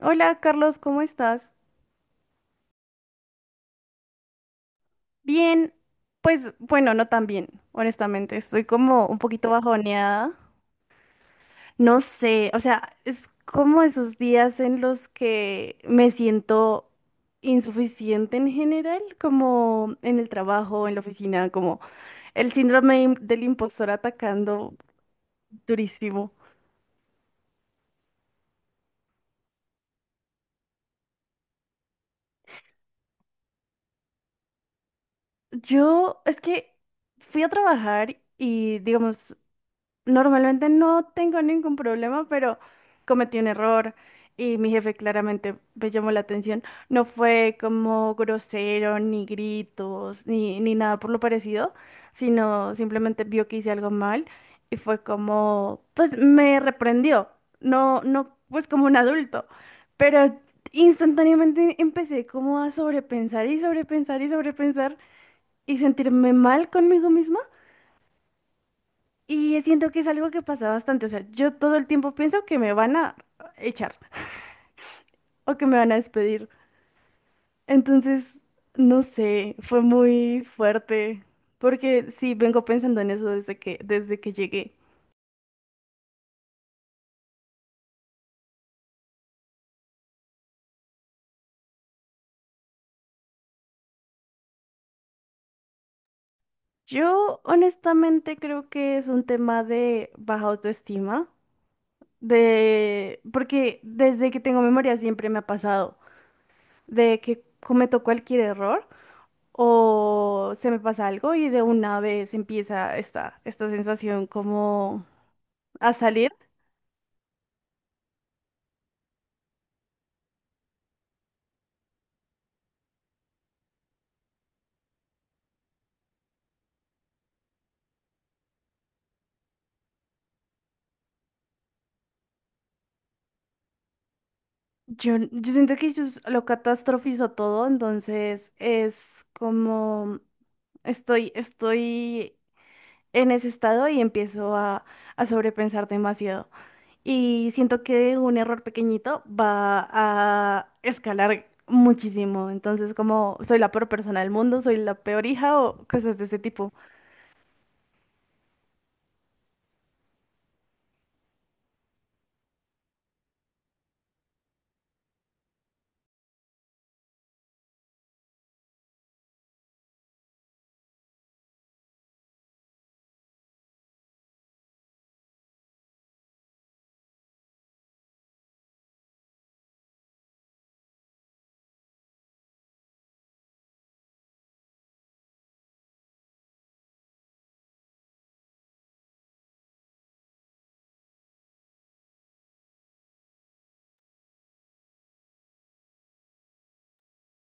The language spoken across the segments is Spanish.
Hola Carlos, ¿cómo estás? Bien, pues bueno, no tan bien, honestamente. Estoy como un poquito bajoneada. No sé, o sea, es como esos días en los que me siento insuficiente en general, como en el trabajo, en la oficina, como el síndrome del impostor atacando durísimo. Yo es que fui a trabajar y, digamos, normalmente no tengo ningún problema, pero cometí un error y mi jefe claramente me llamó la atención. No fue como grosero, ni gritos, ni nada por lo parecido, sino simplemente vio que hice algo mal y fue como, pues me reprendió, no, no, pues como un adulto, pero instantáneamente empecé como a sobrepensar y sobrepensar y sobrepensar y sentirme mal conmigo misma. Y siento que es algo que pasa bastante. O sea, yo todo el tiempo pienso que me van a echar o que me van a despedir. Entonces, no sé, fue muy fuerte. Porque sí, vengo pensando en eso desde que llegué. Yo honestamente creo que es un tema de baja autoestima. De... Porque desde que tengo memoria siempre me ha pasado de que cometo cualquier error, o se me pasa algo y de una vez empieza esta sensación como a salir. Yo siento que yo lo catastrofizo todo, entonces es como estoy en ese estado y empiezo a sobrepensar demasiado. Y siento que un error pequeñito va a escalar muchísimo. Entonces, como soy la peor persona del mundo, soy la peor hija o cosas de ese tipo.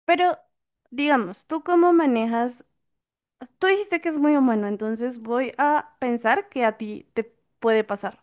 Pero, digamos, ¿tú cómo manejas? Tú dijiste que es muy humano, entonces voy a pensar que a ti te puede pasar.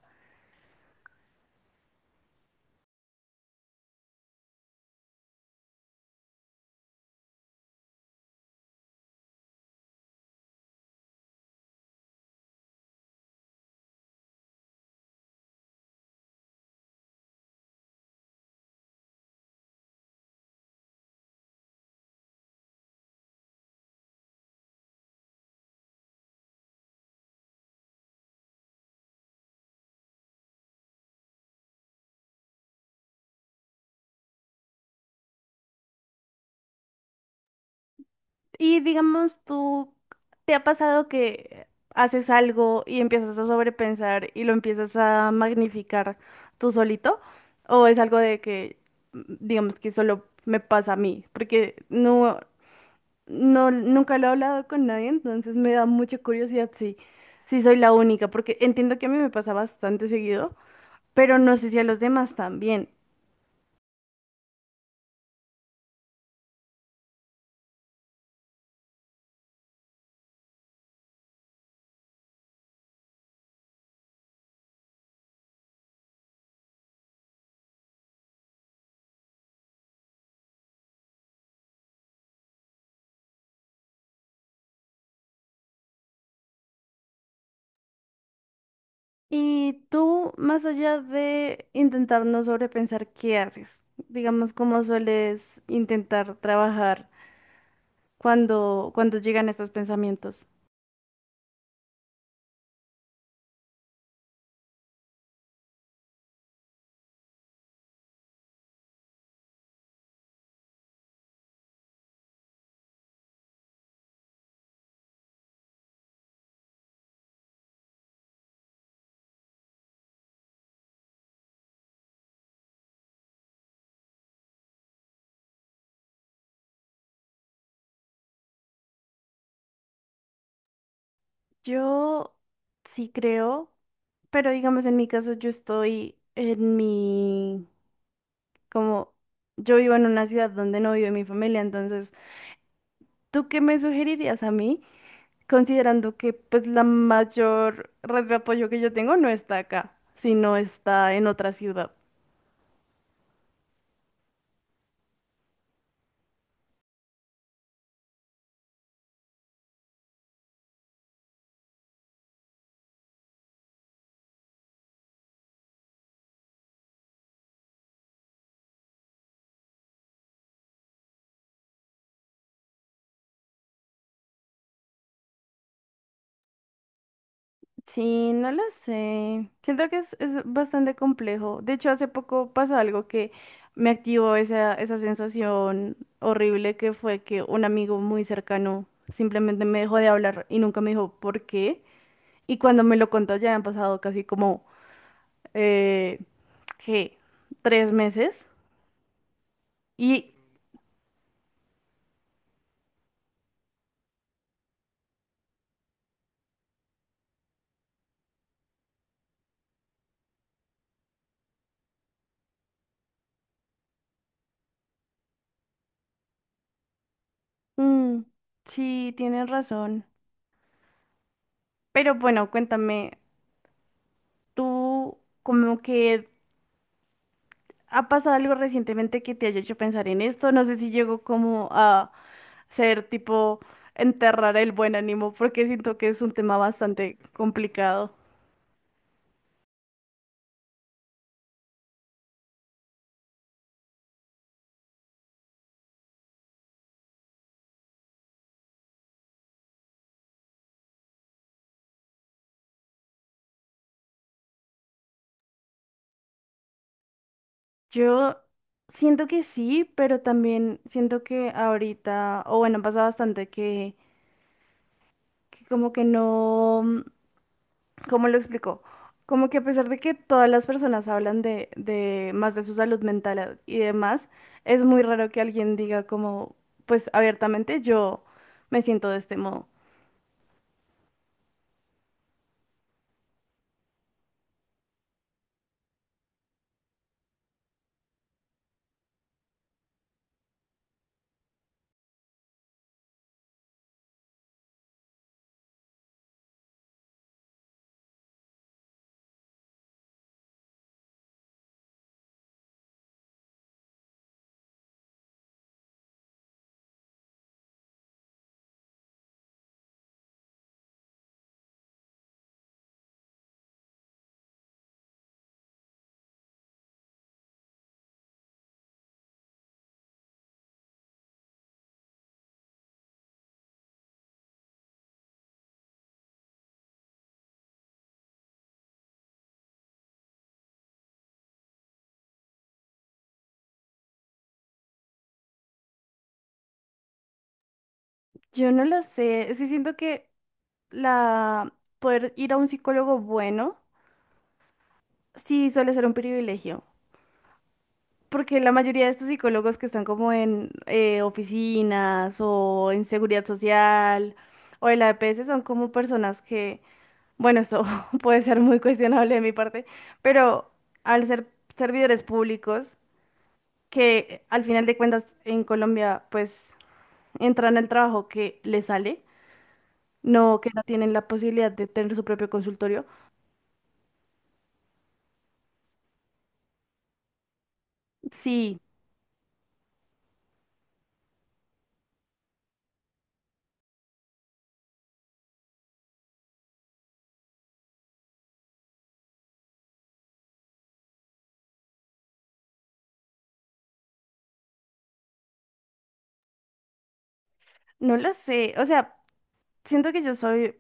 Y digamos, tú te ha pasado que haces algo y empiezas a sobrepensar y lo empiezas a magnificar tú solito, o es algo de que, digamos, que solo me pasa a mí, porque no, nunca lo he hablado con nadie, entonces me da mucha curiosidad si, si soy la única, porque entiendo que a mí me pasa bastante seguido, pero no sé si a los demás también. Y tú, más allá de intentar no sobrepensar qué haces, digamos, cómo sueles intentar trabajar cuando llegan estos pensamientos. Yo sí creo, pero digamos, en mi caso, yo estoy en mi, como, yo vivo en una ciudad donde no vive mi familia, entonces, ¿tú qué me sugerirías a mí? Considerando que pues la mayor red de apoyo que yo tengo no está acá, sino está en otra ciudad. Sí, no lo sé. Siento que es bastante complejo. De hecho, hace poco pasó algo que me activó esa sensación horrible, que fue que un amigo muy cercano simplemente me dejó de hablar y nunca me dijo por qué. Y cuando me lo contó ya han pasado casi como, eh, ¿qué? Tres meses. Y mm, sí, tienes razón. Pero bueno, cuéntame, tú como que ha pasado algo recientemente que te haya hecho pensar en esto. No sé si llegó como a ser tipo enterrar el buen ánimo, porque siento que es un tema bastante complicado. Yo siento que sí, pero también siento que ahorita, o bueno, pasa bastante que como que no. ¿Cómo lo explico? Como que a pesar de que todas las personas hablan de más de su salud mental y demás, es muy raro que alguien diga como, pues abiertamente, yo me siento de este modo. Yo no lo sé, sí siento que la poder ir a un psicólogo bueno sí suele ser un privilegio, porque la mayoría de estos psicólogos que están como en oficinas o en seguridad social o en la EPS son como personas que bueno, eso puede ser muy cuestionable de mi parte, pero al ser servidores públicos, que al final de cuentas en Colombia pues entran al trabajo que les sale, no que no tienen la posibilidad de tener su propio consultorio. Sí, no lo sé, o sea, siento que yo soy,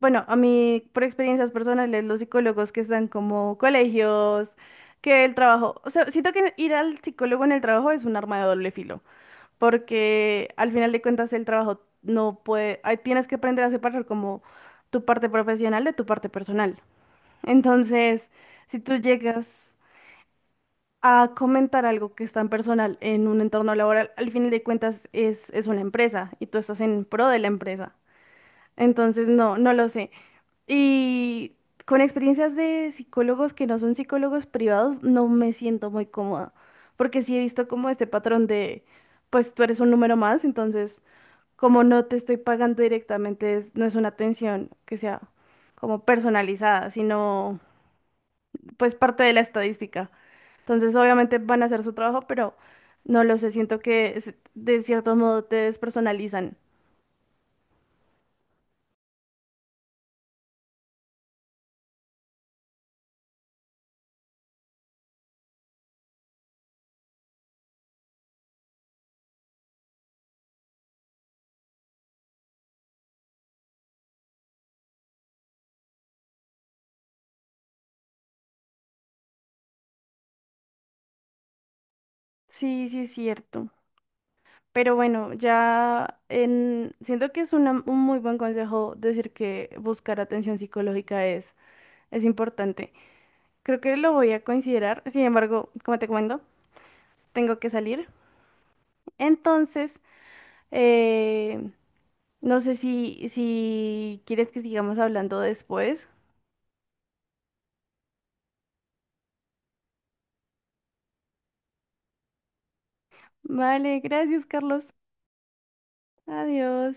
bueno, a mí por experiencias personales, los psicólogos que están como colegios, que el trabajo, o sea, siento que ir al psicólogo en el trabajo es un arma de doble filo, porque al final de cuentas el trabajo no puede, ahí tienes que aprender a separar como tu parte profesional de tu parte personal. Entonces, si tú llegas a comentar algo que es tan personal en un entorno laboral, al final de cuentas es una empresa y tú estás en pro de la empresa. Entonces, no lo sé. Y con experiencias de psicólogos que no son psicólogos privados, no me siento muy cómoda, porque sí he visto como este patrón de, pues tú eres un número más, entonces como no te estoy pagando directamente, no es una atención que sea como personalizada, sino pues parte de la estadística. Entonces, obviamente van a hacer su trabajo, pero no lo sé, siento que de cierto modo te despersonalizan. Sí, sí, es cierto. Pero bueno, ya en... siento que es un muy buen consejo decir que buscar atención psicológica es importante. Creo que lo voy a considerar. Sin embargo, como te comento, tengo que salir. Entonces... Eh, no sé si, si quieres que sigamos hablando después. Vale, gracias, Carlos. Adiós.